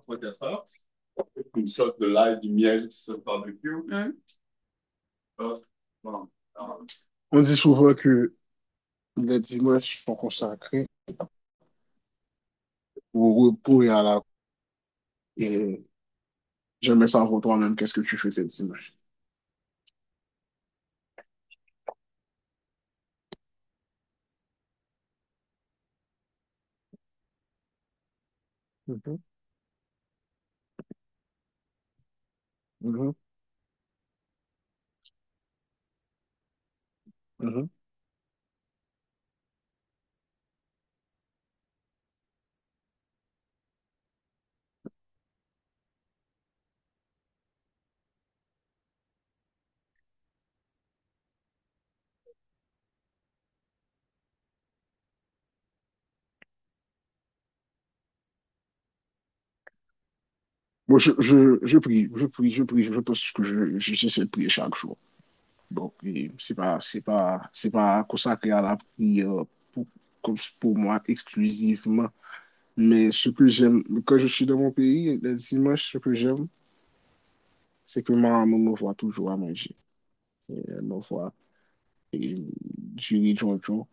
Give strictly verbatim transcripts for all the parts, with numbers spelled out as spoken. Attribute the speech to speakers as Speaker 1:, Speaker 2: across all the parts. Speaker 1: trois quatre heures. Une sorte de live du miel sur le barbecue. Hop, bon, alors, on dit souvent que les dimanches sont consacrés au repos et à la... Et j'aimerais savoir toi-même qu'est-ce que tu fais tes dimanches. Mhm, mhm, mhm. Moi, je, je, je prie, je prie, je prie. Je pense que je, je- j'essaie de prier chaque jour. Donc c'est pas c'est pas c'est pas consacré à la prière pour, comme pour moi exclusivement, mais ce que j'aime quand je suis dans mon pays, le dimanche, se ke jem, se ke ma maman me voit toujou manger manje. Elle me voit et du jiri jonjon,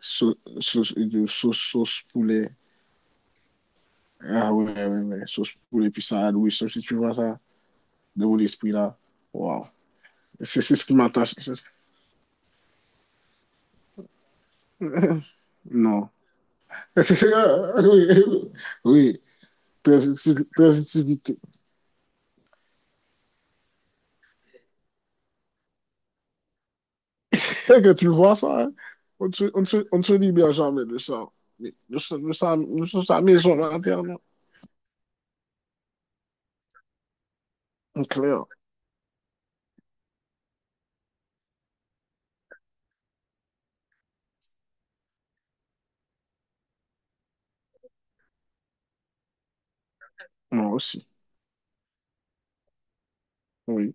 Speaker 1: sau- sauce de sauce, sauce poulet, ah ouais, ouais, ouais, sauce poulet, puis ça, oui, sauf si tu vois ça, de mon esprit là, waouh, c'est c'est ce qui m'attache. Non. Oui, oui. Transitiv- Transitivité. Tel que tu le vois, ça, hein, on ne se, on ne se- on ne se libère jamais de ça. Mais Nous sommes, nous sommes, nous sommes sa maison interne. C'est clair. Moi aussi. Oui.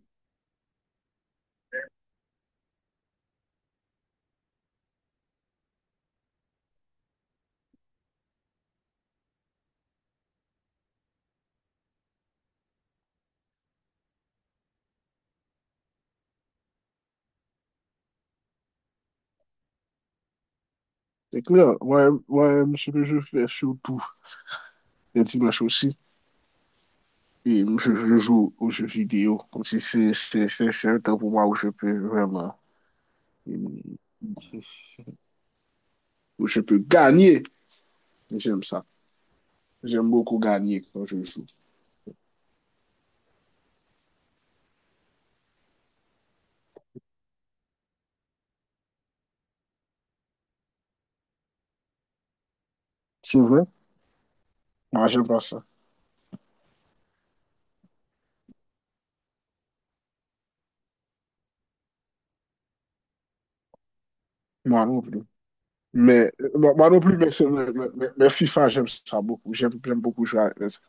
Speaker 1: C'est clair. Ouais, ouais, ce que je fais surtout les dimanches aussi. Et je, je joue aux jeux vidéo. Comme si c'est c'est- c'est- c'est un temps pour moi où je peux vraiment, où je peux gagner. J'aime ça. J'aime beaucoup gagner quand je joue. C'est vrai? Moi, j'aime pas ça. Moi non plus. Mais euh, moi, moi non plus, mais, c'est- mais- mais- mais FIFA, j'aime ça beaucoup. J'aime j'aime beaucoup jouer avec ça.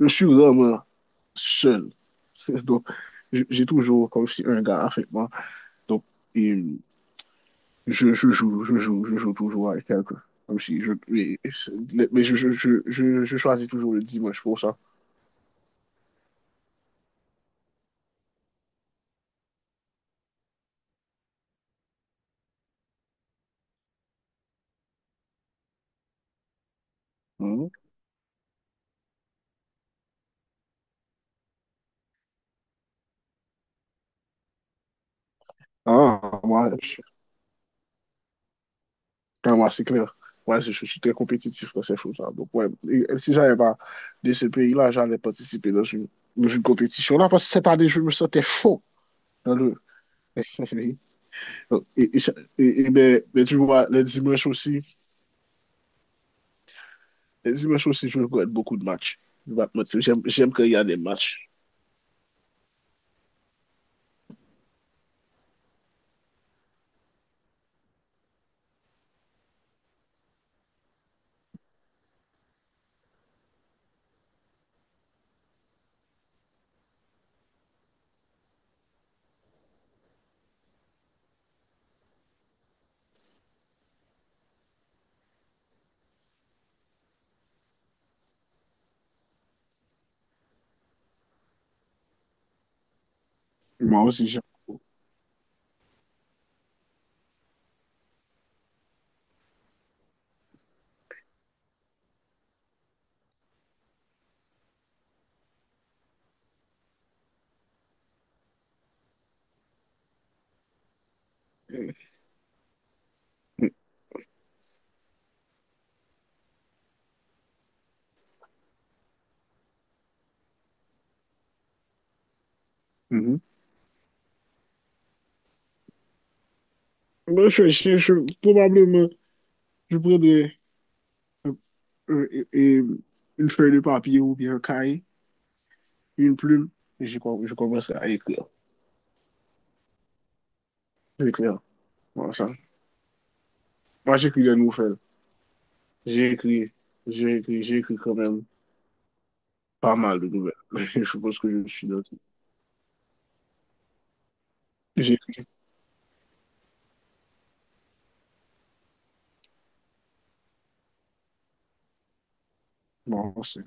Speaker 1: Je suis vraiment seul. Donc, j- j'ai toujours comme si un gars avec moi. Donc, et je, je joue, je joue, je joue toujours avec quelqu'un. Comme si je, mais mais je, je, je, je, je choisis toujours le dimanche pour ça. Mhm. Hein, moi, pour moi c'est clair. Ouais, je, je suis très compétitif dans ces choses-là. Donc, ouais, et- et si j'avais pas de ce pays-là, j'allais participer dans une, dans une compétition-là parce que cette année, je me sentais chaud dans le. Et, et, et- et ben, ben, tu vois, les dimanches aussi, les dimanches aussi, je regarde beaucoup de matchs. Je vais pas te mentir. J'aime, j'aime quand il y a des matchs. Moi aussi, j'aime beaucoup. Mhm. Moi, je, je, je- probablement, je prendrais euh, euh, et- une feuille de papier ou bien un cahier. Une plume, et je, com- je commence à écrire. J'écrire. Voilà ça. Moi, j'écris des nouvelles. J'ai écrit, j'ai écrit, j'ai écrit quand même pas mal de nouvelles. Je pense que je suis d'autres. J'écris. Moi aussi.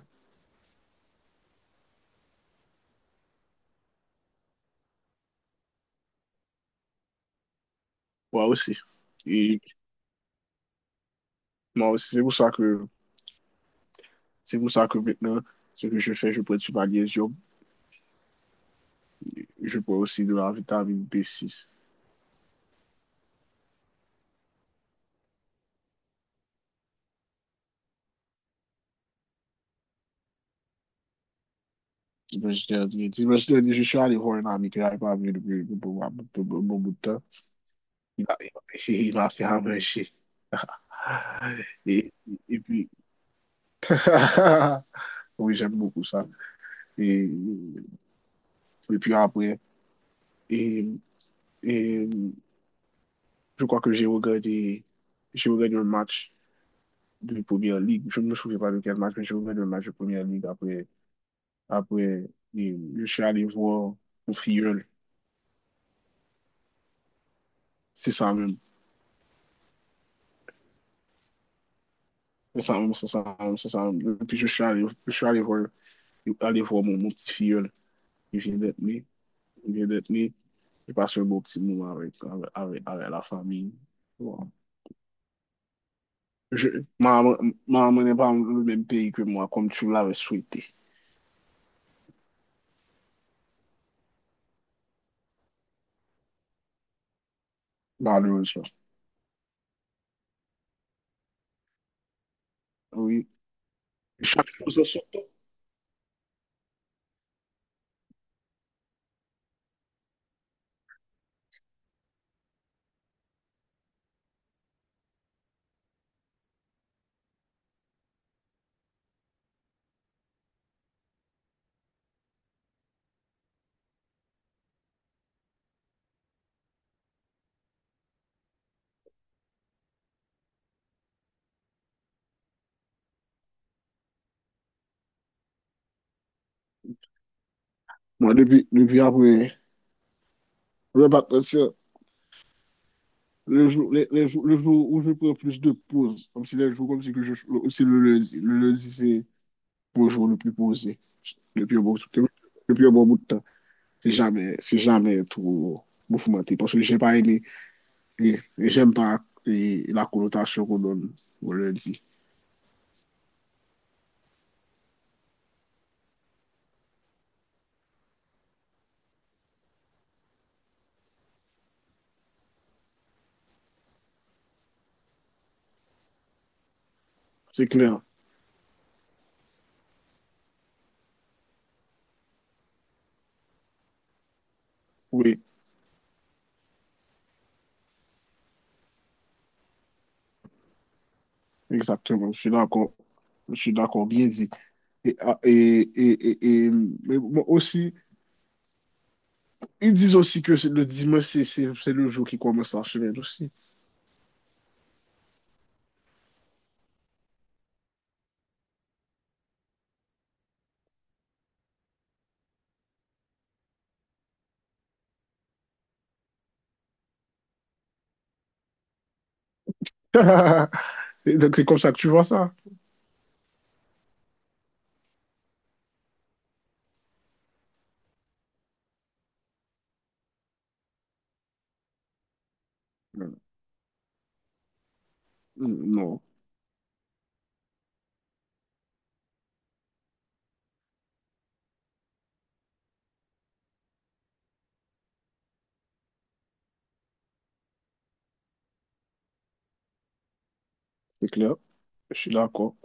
Speaker 1: Moi aussi. Et moi aussi, c'est pour ça que, c'est pour ça que maintenant, ce que je fais, je prends du magnésium. Je prends aussi de la vitamine B six. Dimanche dernier, dimanche dernier, je suis allé voir un ami qui n'avait pas vu depuis un bon bon- bon- bon bout de temps. Il a- il m'a fait un manger. Et, et puis, oui, j'aime beaucoup ça. Et, et puis après, et, et je crois que j'ai regardé, j'ai regardé un match de Première Ligue. Je ne me souviens pas de quel match, mais j'ai regardé un match de Première Ligue. Après, après, et je suis allé voir au Filleul. C'est ça même. C'est ça même, c'est ça même, c'est ça même. Et puis je suis allé, je suis allé voir, allé voir mon, mon petit Filleul. Il vient d'être né. Il vient d'être né. J'ai passé un beau petit moment avec, avec, avec, avec la famille. Bon, je, ma maman n'est pas dans le même pays que moi, comme tu l'avais souhaité, malheureusement. Oui, chaque chose en son temps. Moi, depuis, depuis après, le bâtiment, le jour, les- les jours- le jour où je prends plus de pauses, comme si les jours, comme si, que je, comme si le lundi, le lundi, c'est le jour le plus posé, le plus bon, le plus bon bout de temps. C'est jamais, c'est jamais trop mouvementé, parce que j'ai pas aimé, et- et j'aime pas et la connotation qu'on donne au lundi. C'est clair, oui. Exactement, je suis d'accord. Je suis d'accord, bien dit. Et, ah, et, et, et, et, mais bon, aussi, ils disent aussi que c'est le dimanche, c'est c'est- c'est le jour qui commence la semaine aussi. Et donc, c'est comme ça que tu vois ça. Mm, non, c'est clair. Je suis d'accord.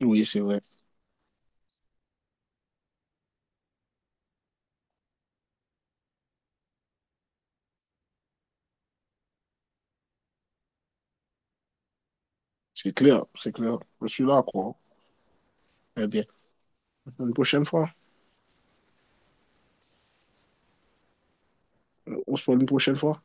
Speaker 1: Oui, c'est vrai. C'est clair, c'est clair. Je suis d'accord. Eh bien, une prochaine fois. Euh, On se parle une prochaine fois.